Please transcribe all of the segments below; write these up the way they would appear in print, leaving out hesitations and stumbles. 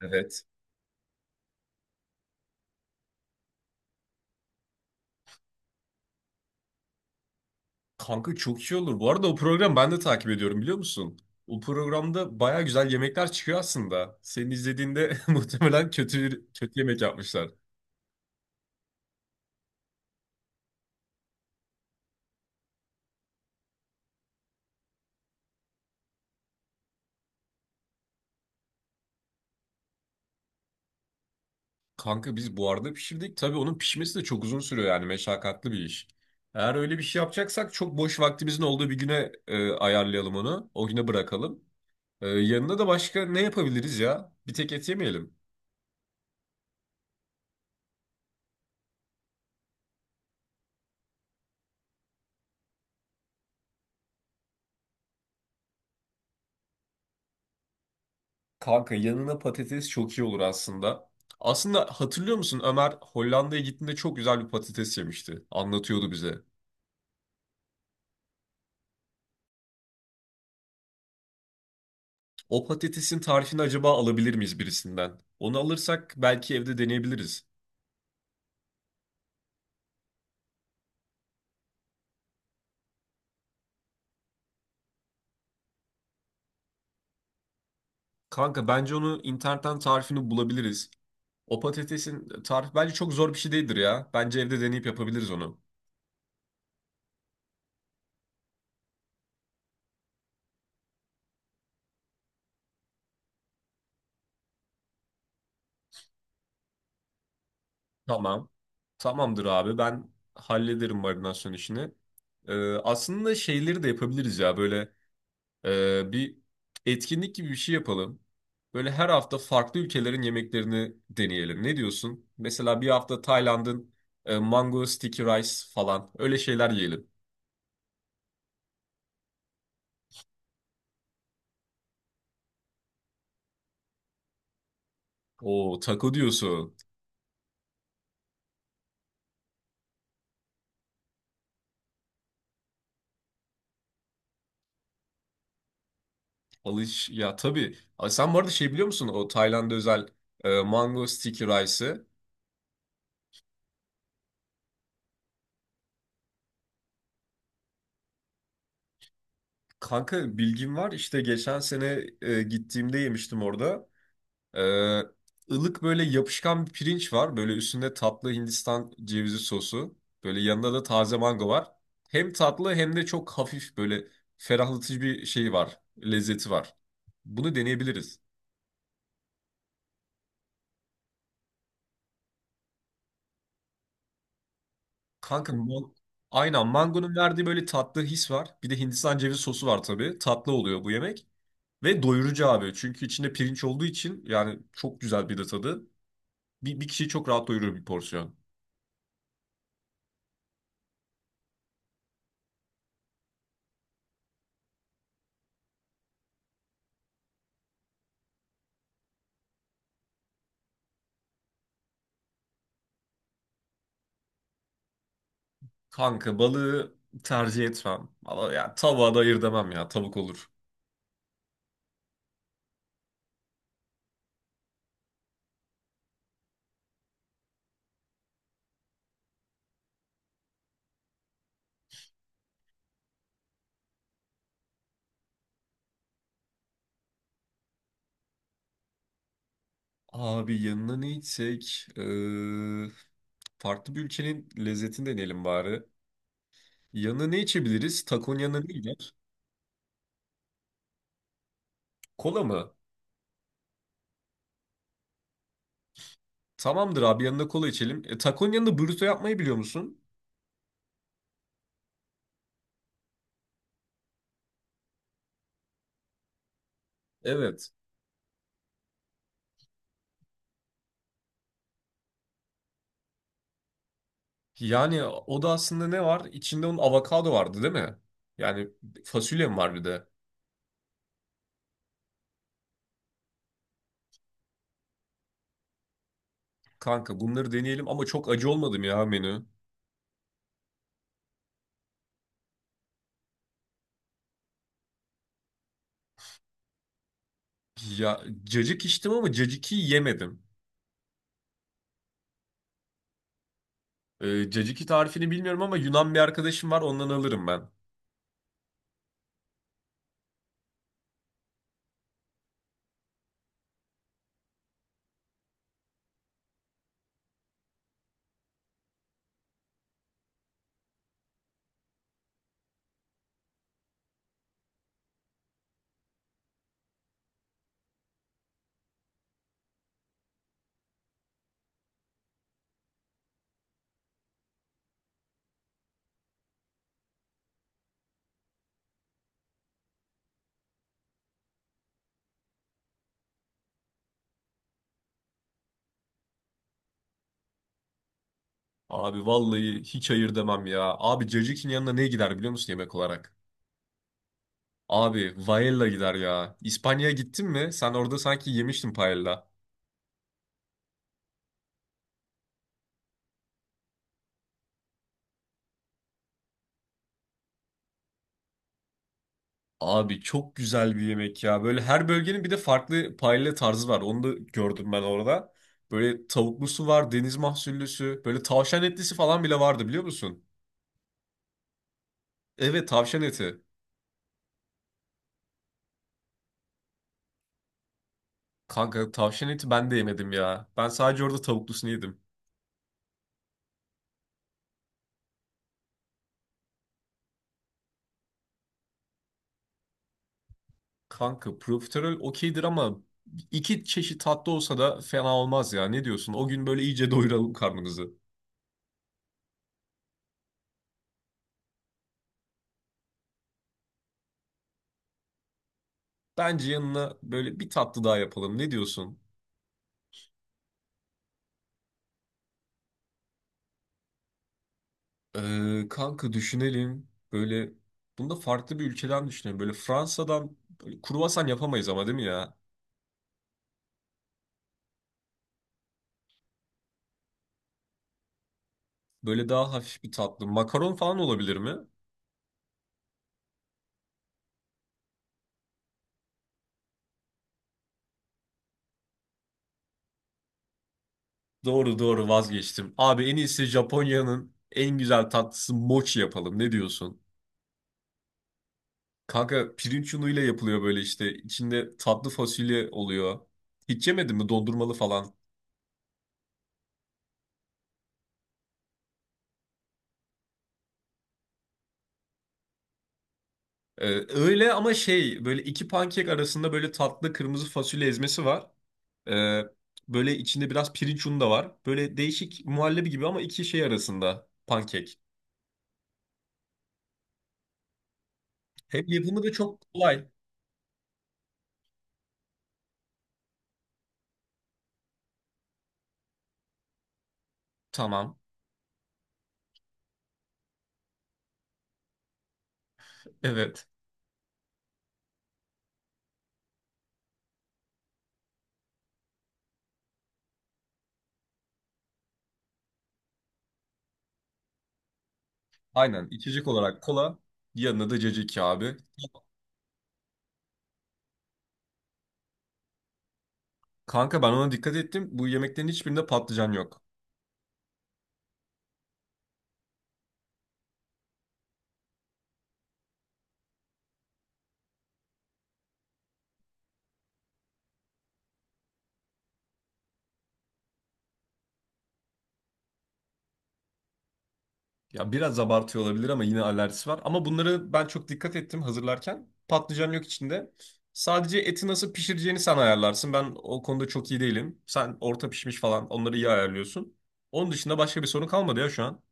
Evet. Kanka çok iyi olur. Bu arada o program ben de takip ediyorum biliyor musun? O programda baya güzel yemekler çıkıyor aslında. Senin izlediğinde muhtemelen kötü yemek yapmışlar. Kanka biz buharda pişirdik. Tabii onun pişmesi de çok uzun sürüyor yani meşakkatli bir iş. Eğer öyle bir şey yapacaksak çok boş vaktimizin olduğu bir güne ayarlayalım onu. O güne bırakalım. Yanına da başka ne yapabiliriz ya? Bir tek et yemeyelim. Kanka yanına patates çok iyi olur aslında. Aslında hatırlıyor musun, Ömer Hollanda'ya gittiğinde çok güzel bir patates yemişti. Anlatıyordu bize. O patatesin tarifini acaba alabilir miyiz birisinden? Onu alırsak belki evde deneyebiliriz. Kanka bence onu internetten tarifini bulabiliriz. O patatesin tarifi bence çok zor bir şey değildir ya. Bence evde deneyip yapabiliriz onu. Tamam. Tamamdır abi, ben hallederim marinasyon işini. Aslında şeyleri de yapabiliriz ya, böyle bir etkinlik gibi bir şey yapalım. Böyle her hafta farklı ülkelerin yemeklerini deneyelim. Ne diyorsun? Mesela bir hafta Tayland'ın mango sticky rice falan, öyle şeyler yiyelim. O taco diyorsun. Alış ya tabii. Ay, sen bu arada şey biliyor musun? O Tayland'a özel mango sticky rice'ı. Kanka bilgim var. İşte geçen sene gittiğimde yemiştim orada. Ee, ılık böyle yapışkan bir pirinç var. Böyle üstünde tatlı Hindistan cevizi sosu. Böyle yanında da taze mango var. Hem tatlı hem de çok hafif, böyle ferahlatıcı bir şey var. Lezzeti var. Bunu deneyebiliriz. Kanka man- aynen, mangonun verdiği böyle tatlı his var. Bir de Hindistan cevizi sosu var tabii. Tatlı oluyor bu yemek. Ve doyurucu abi. Çünkü içinde pirinç olduğu için yani çok güzel bir de tadı. Bir kişiyi çok rahat doyurur bir porsiyon. Kanka balığı tercih etmem. Ama ya tavuğa da ayır demem ya. Tavuk olur. Abi yanına ne içsek? Farklı bir ülkenin lezzetini deneyelim bari. Yanına ne içebiliriz? Takon yanına ne gider? Kola mı? Tamamdır abi, yanına kola içelim. E, takon yanında burrito yapmayı biliyor musun? Evet. Yani o da aslında ne var? İçinde onun avokado vardı değil mi? Yani fasulye mi var bir de? Kanka bunları deneyelim ama çok acı olmadım ya menü. Ya cacık içtim ama cacık yemedim. Caciki tarifini bilmiyorum ama Yunan bir arkadaşım var, ondan alırım ben. Abi vallahi hiç hayır demem ya. Abi cacikinin yanına ne gider biliyor musun yemek olarak? Abi paella gider ya. İspanya'ya gittin mi? Sen orada sanki yemiştin paella. Abi çok güzel bir yemek ya. Böyle her bölgenin bir de farklı paella tarzı var. Onu da gördüm ben orada. Böyle tavuklusu var, deniz mahsullüsü. Böyle tavşan etlisi falan bile vardı, biliyor musun? Evet, tavşan eti. Kanka tavşan eti ben de yemedim ya. Ben sadece orada tavuklusunu yedim. Kanka profiterol okeydir ama iki çeşit tatlı olsa da fena olmaz ya. Ne diyorsun? O gün böyle iyice doyuralım karnımızı. Bence yanına böyle bir tatlı daha yapalım. Ne diyorsun? Kanka düşünelim. Böyle bunu da farklı bir ülkeden düşünelim. Böyle Fransa'dan böyle kruvasan yapamayız ama değil mi ya? Böyle daha hafif bir tatlı. Makaron falan olabilir mi? Doğru, vazgeçtim. Abi en iyisi Japonya'nın en güzel tatlısı mochi yapalım. Ne diyorsun? Kanka pirinç unuyla yapılıyor böyle işte. İçinde tatlı fasulye oluyor. Hiç yemedin mi dondurmalı falan? Ee, Öyle ama şey, böyle iki pankek arasında böyle tatlı kırmızı fasulye ezmesi var. Ee, Böyle içinde biraz pirinç unu da var. Böyle değişik muhallebi gibi ama iki şey arasında pankek. Hem yapımı da çok kolay. Tamam. Evet. Aynen. İçecek olarak kola. Yanına da caciki abi. Kanka ben ona dikkat ettim. Bu yemeklerin hiçbirinde patlıcan yok. Ya biraz abartıyor olabilir ama yine alerjisi var. Ama bunları ben çok dikkat ettim hazırlarken. Patlıcan yok içinde. Sadece eti nasıl pişireceğini sen ayarlarsın. Ben o konuda çok iyi değilim. Sen orta pişmiş falan onları iyi ayarlıyorsun. Onun dışında başka bir sorun kalmadı ya şu an.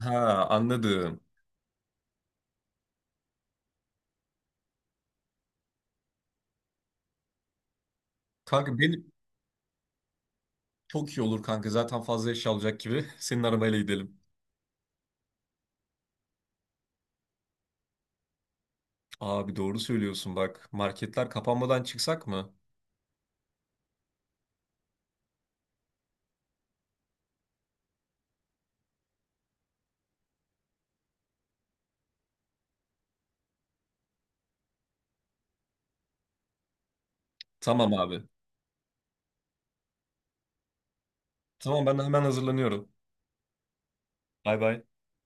Ha, anladım. Kanka benim çok iyi olur kanka. Zaten fazla eşya alacak gibi. Senin arabayla gidelim. Abi doğru söylüyorsun bak. Marketler kapanmadan çıksak mı? Tamam abi. Tamam ben hemen hazırlanıyorum. Bay bay.